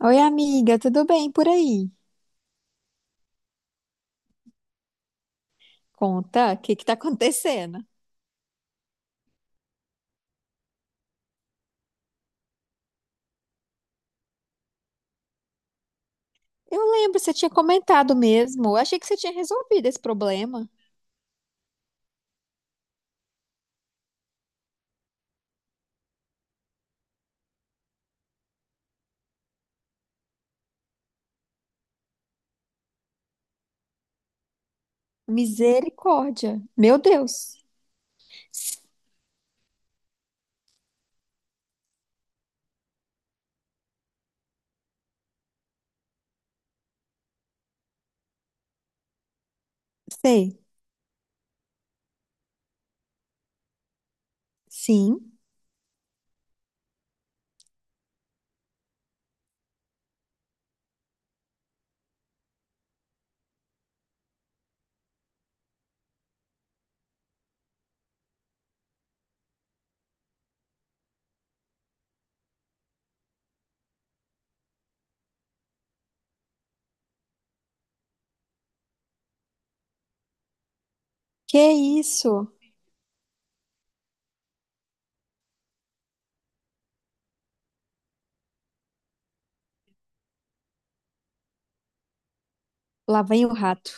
Oi, amiga, tudo bem por aí? Conta, o que que tá acontecendo? Eu lembro, você tinha comentado mesmo. Eu achei que você tinha resolvido esse problema. Misericórdia. Meu Deus. Sei. Sim. Que isso? Lá vem o rato.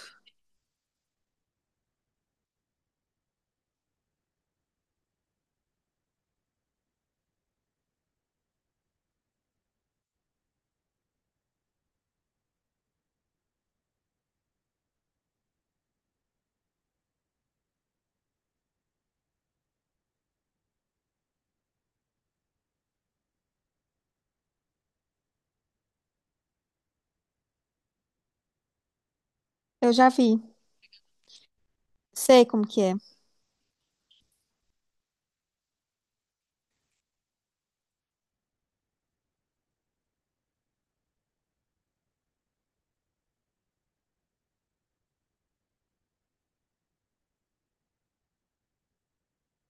Eu já vi. Sei como que é.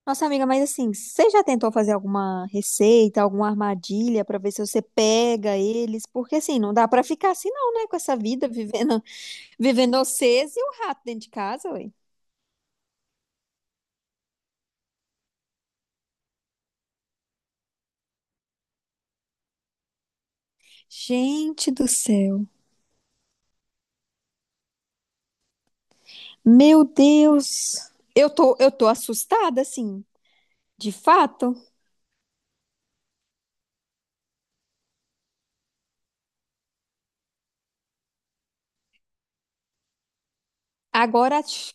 Nossa, amiga, mas assim, você já tentou fazer alguma receita, alguma armadilha pra ver se você pega eles? Porque assim, não dá pra ficar assim não, né, com essa vida vivendo, vivendo vocês e o rato dentro de casa, ué. Gente do céu. Meu Deus. Eu tô assustada, assim, de fato. Agora, acho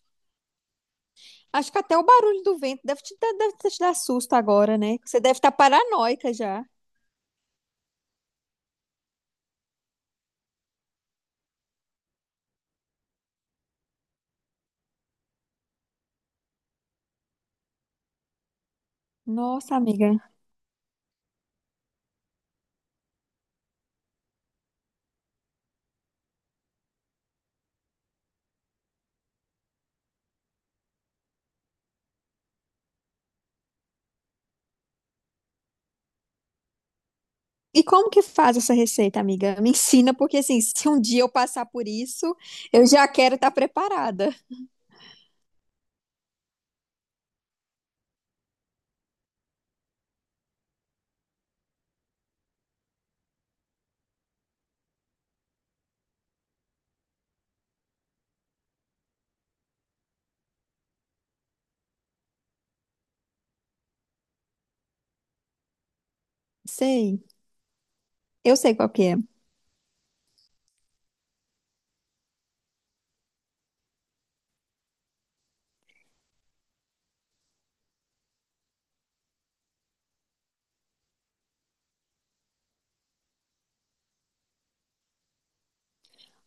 acho que até o barulho do vento deve te dar susto agora, né? Você deve estar paranoica já. Nossa, amiga. E como que faz essa receita, amiga? Me ensina, porque assim, se um dia eu passar por isso, eu já quero estar preparada. Sei, eu sei qual que é.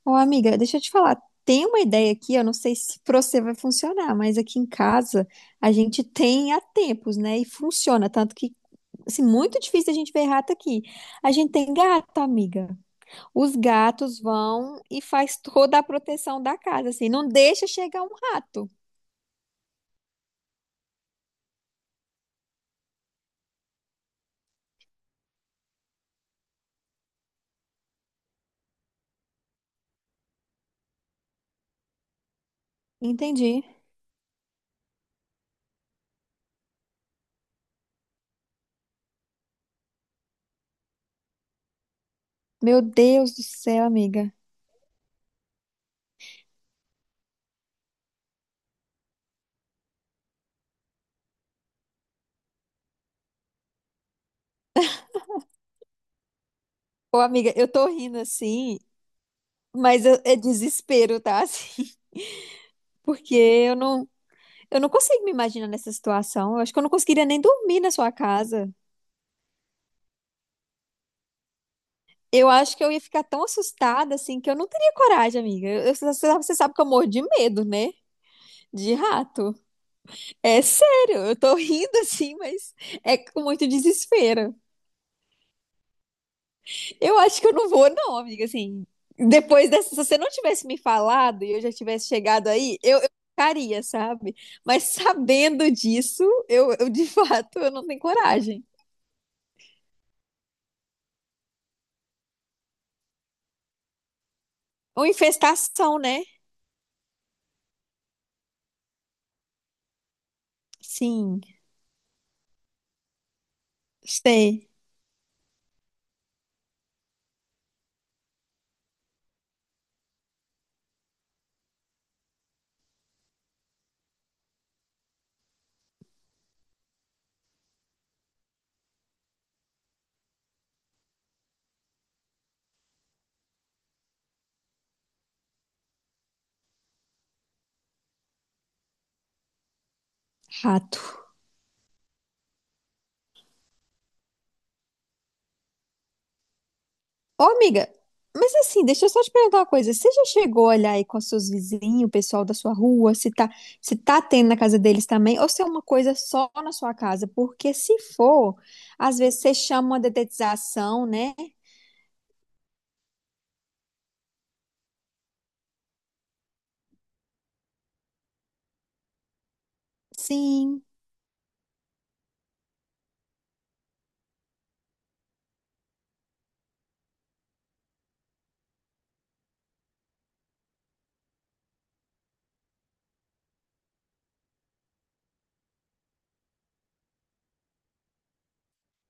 Ô, amiga, deixa eu te falar. Tem uma ideia aqui, eu não sei se pra você vai funcionar, mas aqui em casa a gente tem há tempos, né? E funciona, tanto que, assim, muito difícil a gente ver rato aqui. A gente tem gato, amiga. Os gatos vão e faz toda a proteção da casa, assim, não deixa chegar um rato. Entendi. Meu Deus do céu, amiga. Ô, amiga, eu tô rindo assim, mas é desespero, tá? Assim, porque eu não consigo me imaginar nessa situação. Eu acho que eu não conseguiria nem dormir na sua casa. Eu acho que eu ia ficar tão assustada assim que eu não teria coragem, amiga. Você sabe que eu morro de medo, né? De rato. É sério, eu tô rindo assim, mas é com muito desespero. Eu acho que eu não vou, não, amiga. Assim, depois dessa, se você não tivesse me falado e eu já tivesse chegado aí, eu ficaria, sabe? Mas sabendo disso, de fato eu não tenho coragem. Uma infestação, né? Sim, sei. Rato. Ô, amiga, mas assim, deixa eu só te perguntar uma coisa. Você já chegou a olhar aí com os seus vizinhos, o pessoal da sua rua, se tá tendo na casa deles também, ou se é uma coisa só na sua casa? Porque se for, às vezes você chama uma detetização, né? Sim.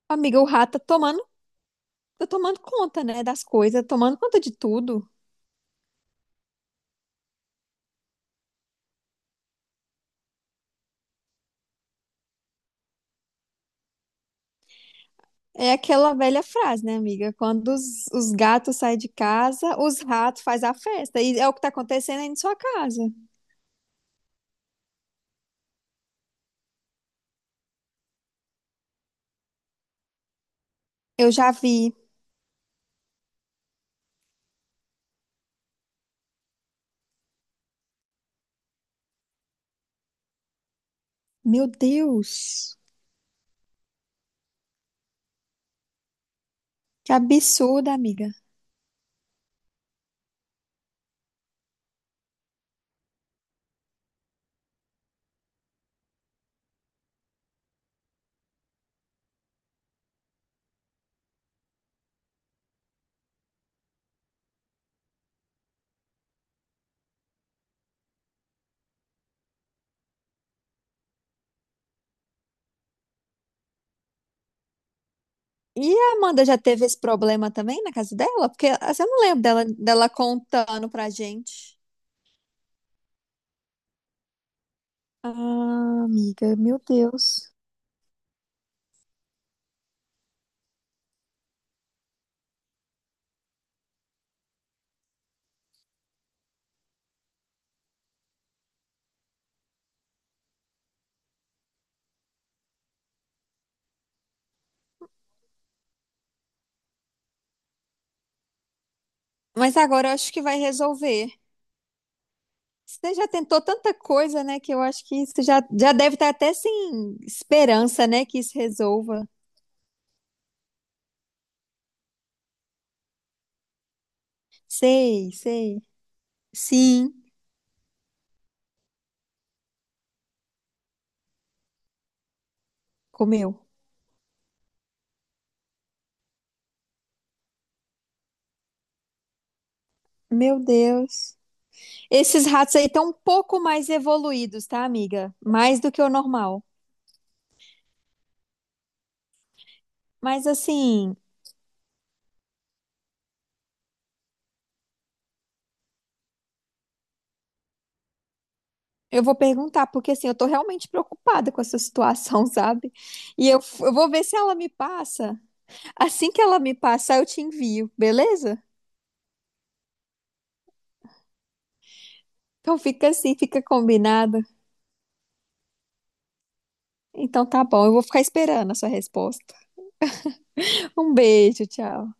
Amiga, o rato tá tomando conta, né, das coisas, tá tomando conta de tudo. É aquela velha frase, né, amiga? Quando os gatos saem de casa, os ratos fazem a festa. E é o que tá acontecendo aí na sua casa. Eu já vi. Meu Deus, que absurdo, amiga. E a Amanda já teve esse problema também na casa dela? Porque assim, eu não lembro dela contando pra gente. Ah, amiga, meu Deus. Mas agora eu acho que vai resolver. Você já tentou tanta coisa, né, que eu acho que já deve estar até sem esperança, né, que isso resolva. Sei, sei. Sim, comeu. Meu Deus. Esses ratos aí estão um pouco mais evoluídos, tá, amiga? Mais do que o normal. Mas assim, eu vou perguntar, porque assim, eu tô realmente preocupada com essa situação, sabe? E eu vou ver se ela me passa. Assim que ela me passar, eu te envio, beleza? Então fica assim, fica combinado. Então tá bom, eu vou ficar esperando a sua resposta. Um beijo, tchau.